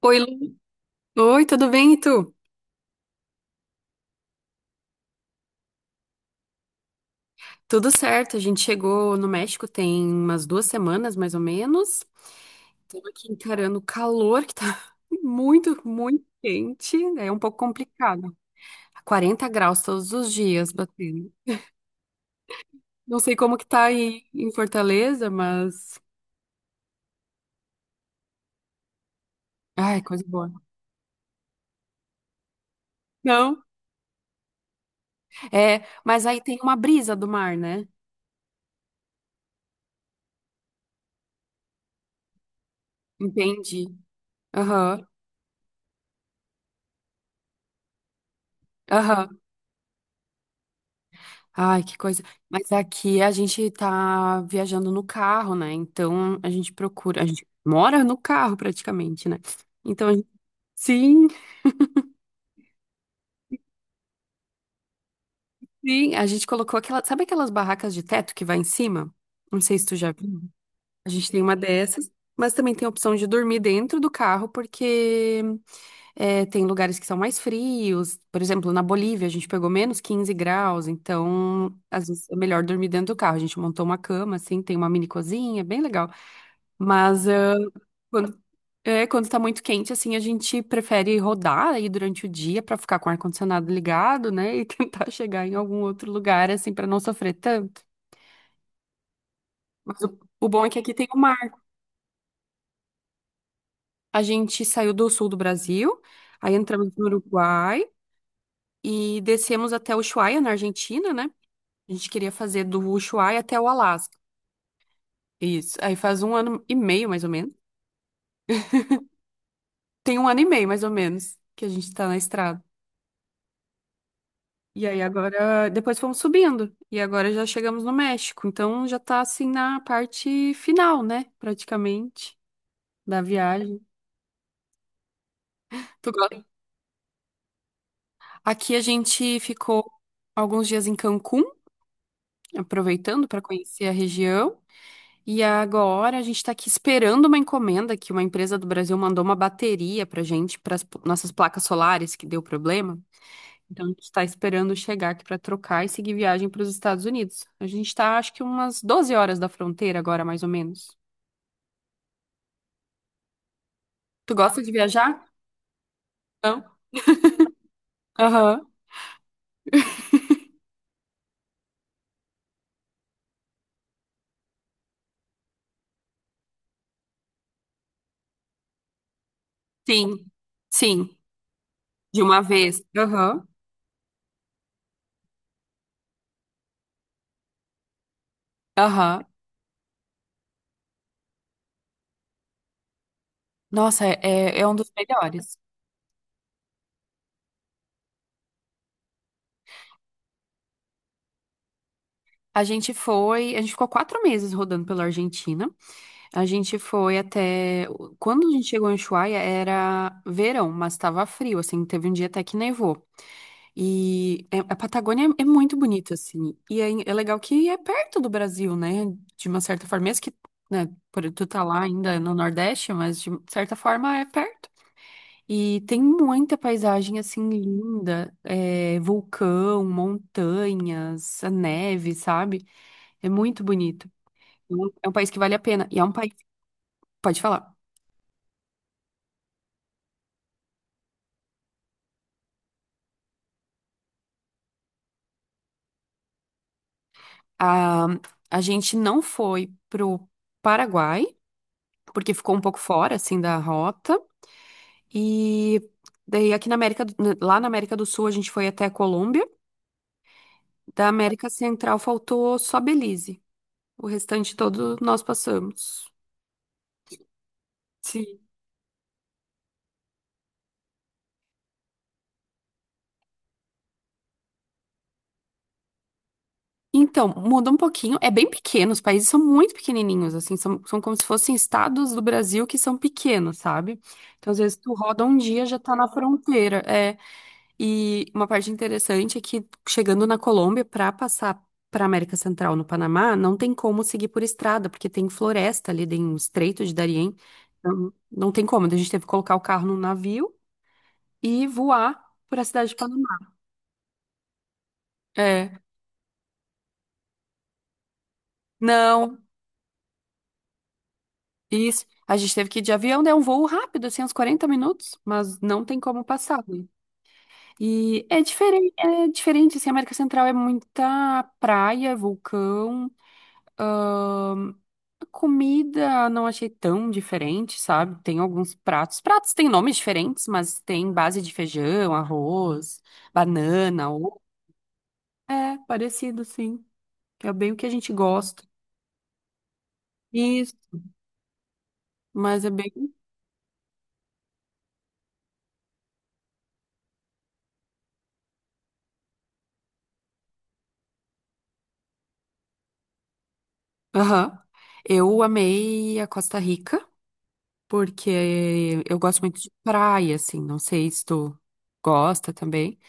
Oi, Lu. Oi, tudo bem, e tu? Tudo certo, a gente chegou no México tem umas 2 semanas, mais ou menos. Estamos aqui encarando o calor, que tá muito, muito quente. É um pouco complicado. 40 graus todos os dias batendo. Não sei como que tá aí em Fortaleza, mas... Ai, coisa boa. Não? É, mas aí tem uma brisa do mar, né? Entendi. Aham, aham. Ai, que coisa. Mas aqui a gente tá viajando no carro, né? Então a gente procura, a gente mora no carro praticamente, né? Então, a gente- sim, sim, a gente colocou aquela, sabe aquelas barracas de teto que vai em cima? Não sei se tu já viu. A gente tem uma dessas, mas também tem a opção de dormir dentro do carro, porque é, tem lugares que são mais frios. Por exemplo, na Bolívia a gente pegou menos 15 graus, então às vezes é melhor dormir dentro do carro. A gente montou uma cama, assim, tem uma mini cozinha, bem legal. Mas ah, quando, quando tá muito quente, assim, a gente prefere rodar aí durante o dia pra ficar com o ar-condicionado ligado, né? E tentar chegar em algum outro lugar, assim, pra não sofrer tanto. Mas o bom é que aqui tem o mar. A gente saiu do sul do Brasil, aí entramos no Uruguai e descemos até Ushuaia, na Argentina, né? A gente queria fazer do Ushuaia até o Alasca. Isso. Aí faz um ano e meio, mais ou menos. Tem um ano e meio, mais ou menos, que a gente tá na estrada. E aí agora, depois fomos subindo. E agora já chegamos no México. Então já tá assim na parte final, né? Praticamente da viagem. Tu gosta? Aqui a gente ficou alguns dias em Cancún, aproveitando para conhecer a região. E agora a gente tá aqui esperando uma encomenda que uma empresa do Brasil mandou uma bateria pra gente, para nossas placas solares que deu problema. Então, a gente está esperando chegar aqui para trocar e seguir viagem para os Estados Unidos. A gente está, acho que umas 12 horas da fronteira agora, mais ou menos. Tu gosta de viajar? Não? Aham. Sim. Sim. De uma vez. Aham. Aham. Nossa, é um dos melhores. A gente ficou 4 meses rodando pela Argentina. A gente foi até. Quando a gente chegou em Ushuaia, era verão, mas estava frio, assim, teve um dia até que nevou. A Patagônia é muito bonita, assim. E é legal que é perto do Brasil, né? De uma certa forma, mesmo que, né, tu tá lá ainda no Nordeste, mas de certa forma é perto. E tem muita paisagem, assim, linda. É, vulcão, montanhas, a neve, sabe? É muito bonito. Então, é um país que vale a pena. E é um país... Pode falar. A, a gente não foi pro Paraguai, porque ficou um pouco fora, assim, da rota. E daí aqui na América, lá na América do Sul a gente foi até a Colômbia. Da América Central faltou só Belize. O restante todo nós passamos. Sim. Então, muda um pouquinho. É bem pequeno, os países são muito pequenininhos, assim, são como se fossem estados do Brasil que são pequenos, sabe? Então, às vezes, tu roda um dia, já tá na fronteira. É. E uma parte interessante é que chegando na Colômbia, para passar para América Central no Panamá, não tem como seguir por estrada, porque tem floresta ali, tem um estreito de Darién. Não, não tem como. Então, a gente teve que colocar o carro num navio e voar por a cidade de Panamá. É, não, isso. A gente teve que ir de avião, né? Um voo rápido, assim, uns 40 minutos, mas não tem como passar, né? E é diferente, assim, a América Central é muita praia, vulcão. Comida não achei tão diferente, sabe? Tem alguns pratos. Pratos têm nomes diferentes, mas tem base de feijão, arroz, banana, ou... É, parecido, sim. Que é bem o que a gente gosta. Isso, mas é bem. Aham. Eu amei a Costa Rica, porque eu gosto muito de praia, assim. Não sei se tu gosta também.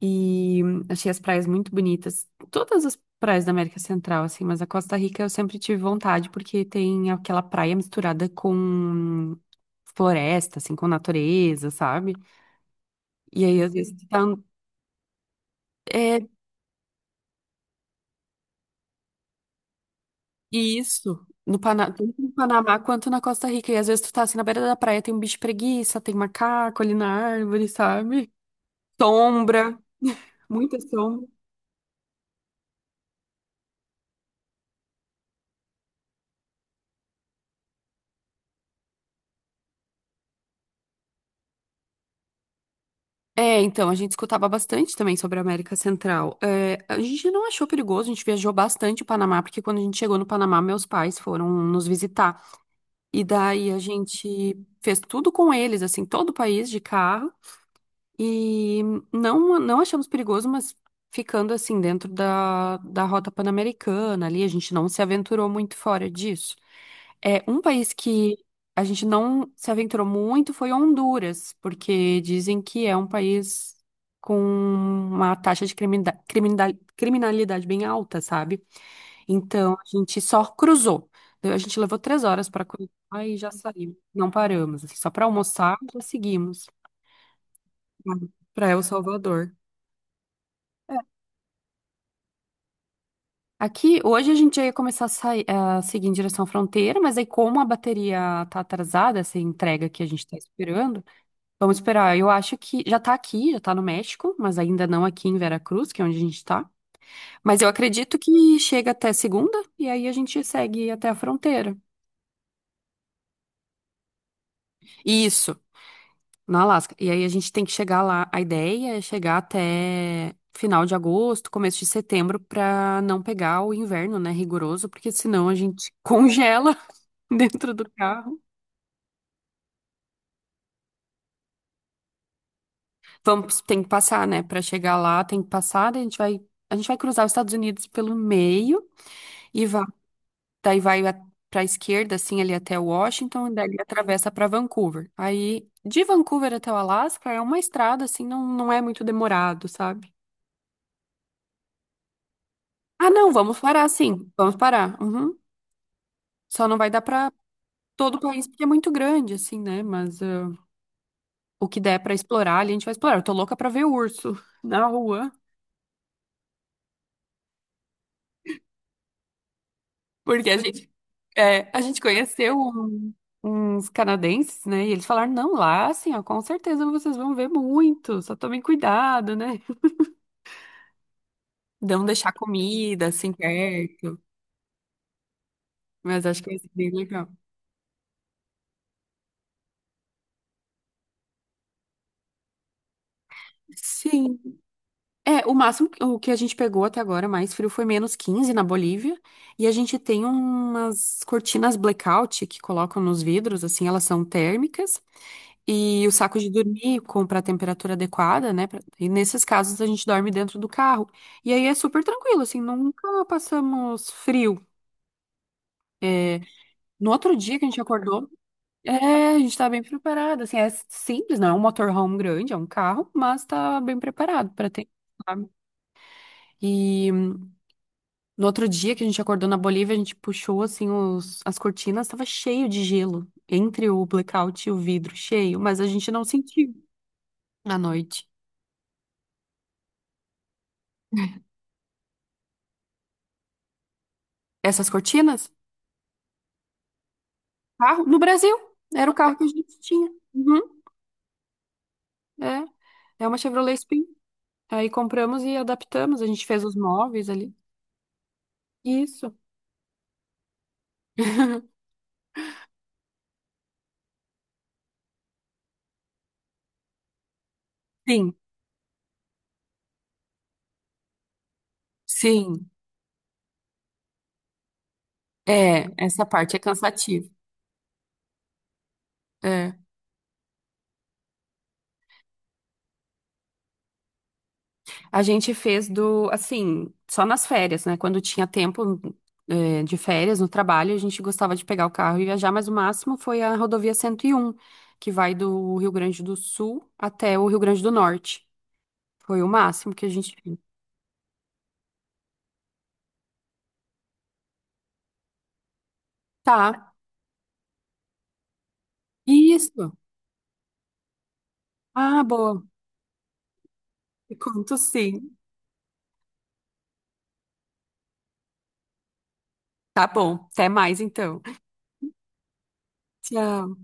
E achei as praias muito bonitas. Todas as praias da América Central, assim, mas a Costa Rica eu sempre tive vontade, porque tem aquela praia misturada com floresta, assim, com natureza, sabe? E aí, às vezes, tu tá... É isso. Tanto no Panamá quanto na Costa Rica. E às vezes tu tá assim na beira da praia, tem um bicho preguiça, tem macaco ali na árvore, sabe? Sombra, muita sombra. É, então, a gente escutava bastante também sobre a América Central. É, a gente não achou perigoso, a gente viajou bastante o Panamá, porque quando a gente chegou no Panamá, meus pais foram nos visitar. E daí a gente fez tudo com eles, assim, todo o país de carro. E não, não achamos perigoso, mas ficando assim dentro da rota pan-americana ali, a gente não se aventurou muito fora disso. É, um país que a gente não se aventurou muito foi Honduras, porque dizem que é um país com uma taxa de criminalidade, criminalidade bem alta, sabe? Então a gente só cruzou. A gente levou 3 horas para cruzar e já saímos. Não paramos, assim, só para almoçar, já seguimos para El Salvador. Aqui, hoje a gente já ia começar a seguir em direção à fronteira, mas aí como a bateria tá atrasada, essa entrega que a gente tá esperando, vamos esperar. Eu acho que já tá aqui, já tá no México, mas ainda não aqui em Veracruz, que é onde a gente tá. Mas eu acredito que chega até segunda e aí a gente segue até a fronteira. Isso, no Alasca. E aí a gente tem que chegar lá. A ideia é chegar até final de agosto, começo de setembro, pra não pegar o inverno, né, rigoroso, porque senão a gente congela. dentro do carro. Vamos, tem que passar, né? Para chegar lá, tem que passar, daí a gente vai cruzar os Estados Unidos pelo meio e vai, daí vai para a esquerda, assim, ali até Washington, e daí atravessa para Vancouver. Aí, de Vancouver até o Alasca é uma estrada, assim, não, não é muito demorado, sabe? Ah, não, vamos parar, sim, vamos parar. Uhum. Só não vai dar para todo o país porque é muito grande, assim, né? Mas ah, o que der para explorar, ali a gente vai explorar. Eu tô louca para ver o urso na rua. Porque a gente, é, a gente conheceu uns canadenses, né? E eles falaram, não, lá, assim, ó, com certeza vocês vão ver muito, só tomem cuidado, né? Não deixar comida, assim, perto. Mas acho que vai ser bem legal. Sim, é, o máximo o que a gente pegou até agora mais frio foi -15 na Bolívia. E a gente tem umas cortinas blackout que colocam nos vidros, assim, elas são térmicas. E o saco de dormir com para temperatura adequada, né? E nesses casos a gente dorme dentro do carro. E aí é super tranquilo, assim, nunca passamos frio. É, no outro dia que a gente acordou, é, a gente tá bem preparado, assim, é simples, não é um motorhome grande, é um carro, mas tá bem preparado para ter. Sabe? E no outro dia que a gente acordou na Bolívia, a gente puxou assim as cortinas, estava cheio de gelo entre o blackout e o vidro, cheio, mas a gente não sentiu à noite. Essas cortinas? Carro no Brasil. Era o carro que a gente tinha. Uhum, é. É uma Chevrolet Spin. Aí compramos e adaptamos, a gente fez os móveis ali. Isso. Sim, sim. É, essa parte é cansativa. É. A gente fez do, assim, só nas férias, né? Quando tinha tempo, de férias no trabalho, a gente gostava de pegar o carro e viajar, mas o máximo foi a rodovia 101 que vai do Rio Grande do Sul até o Rio Grande do Norte. Foi o máximo que a gente fez. Tá. Isso. Ah, boa. Me conto sim. Tá bom. Até mais então. Tchau.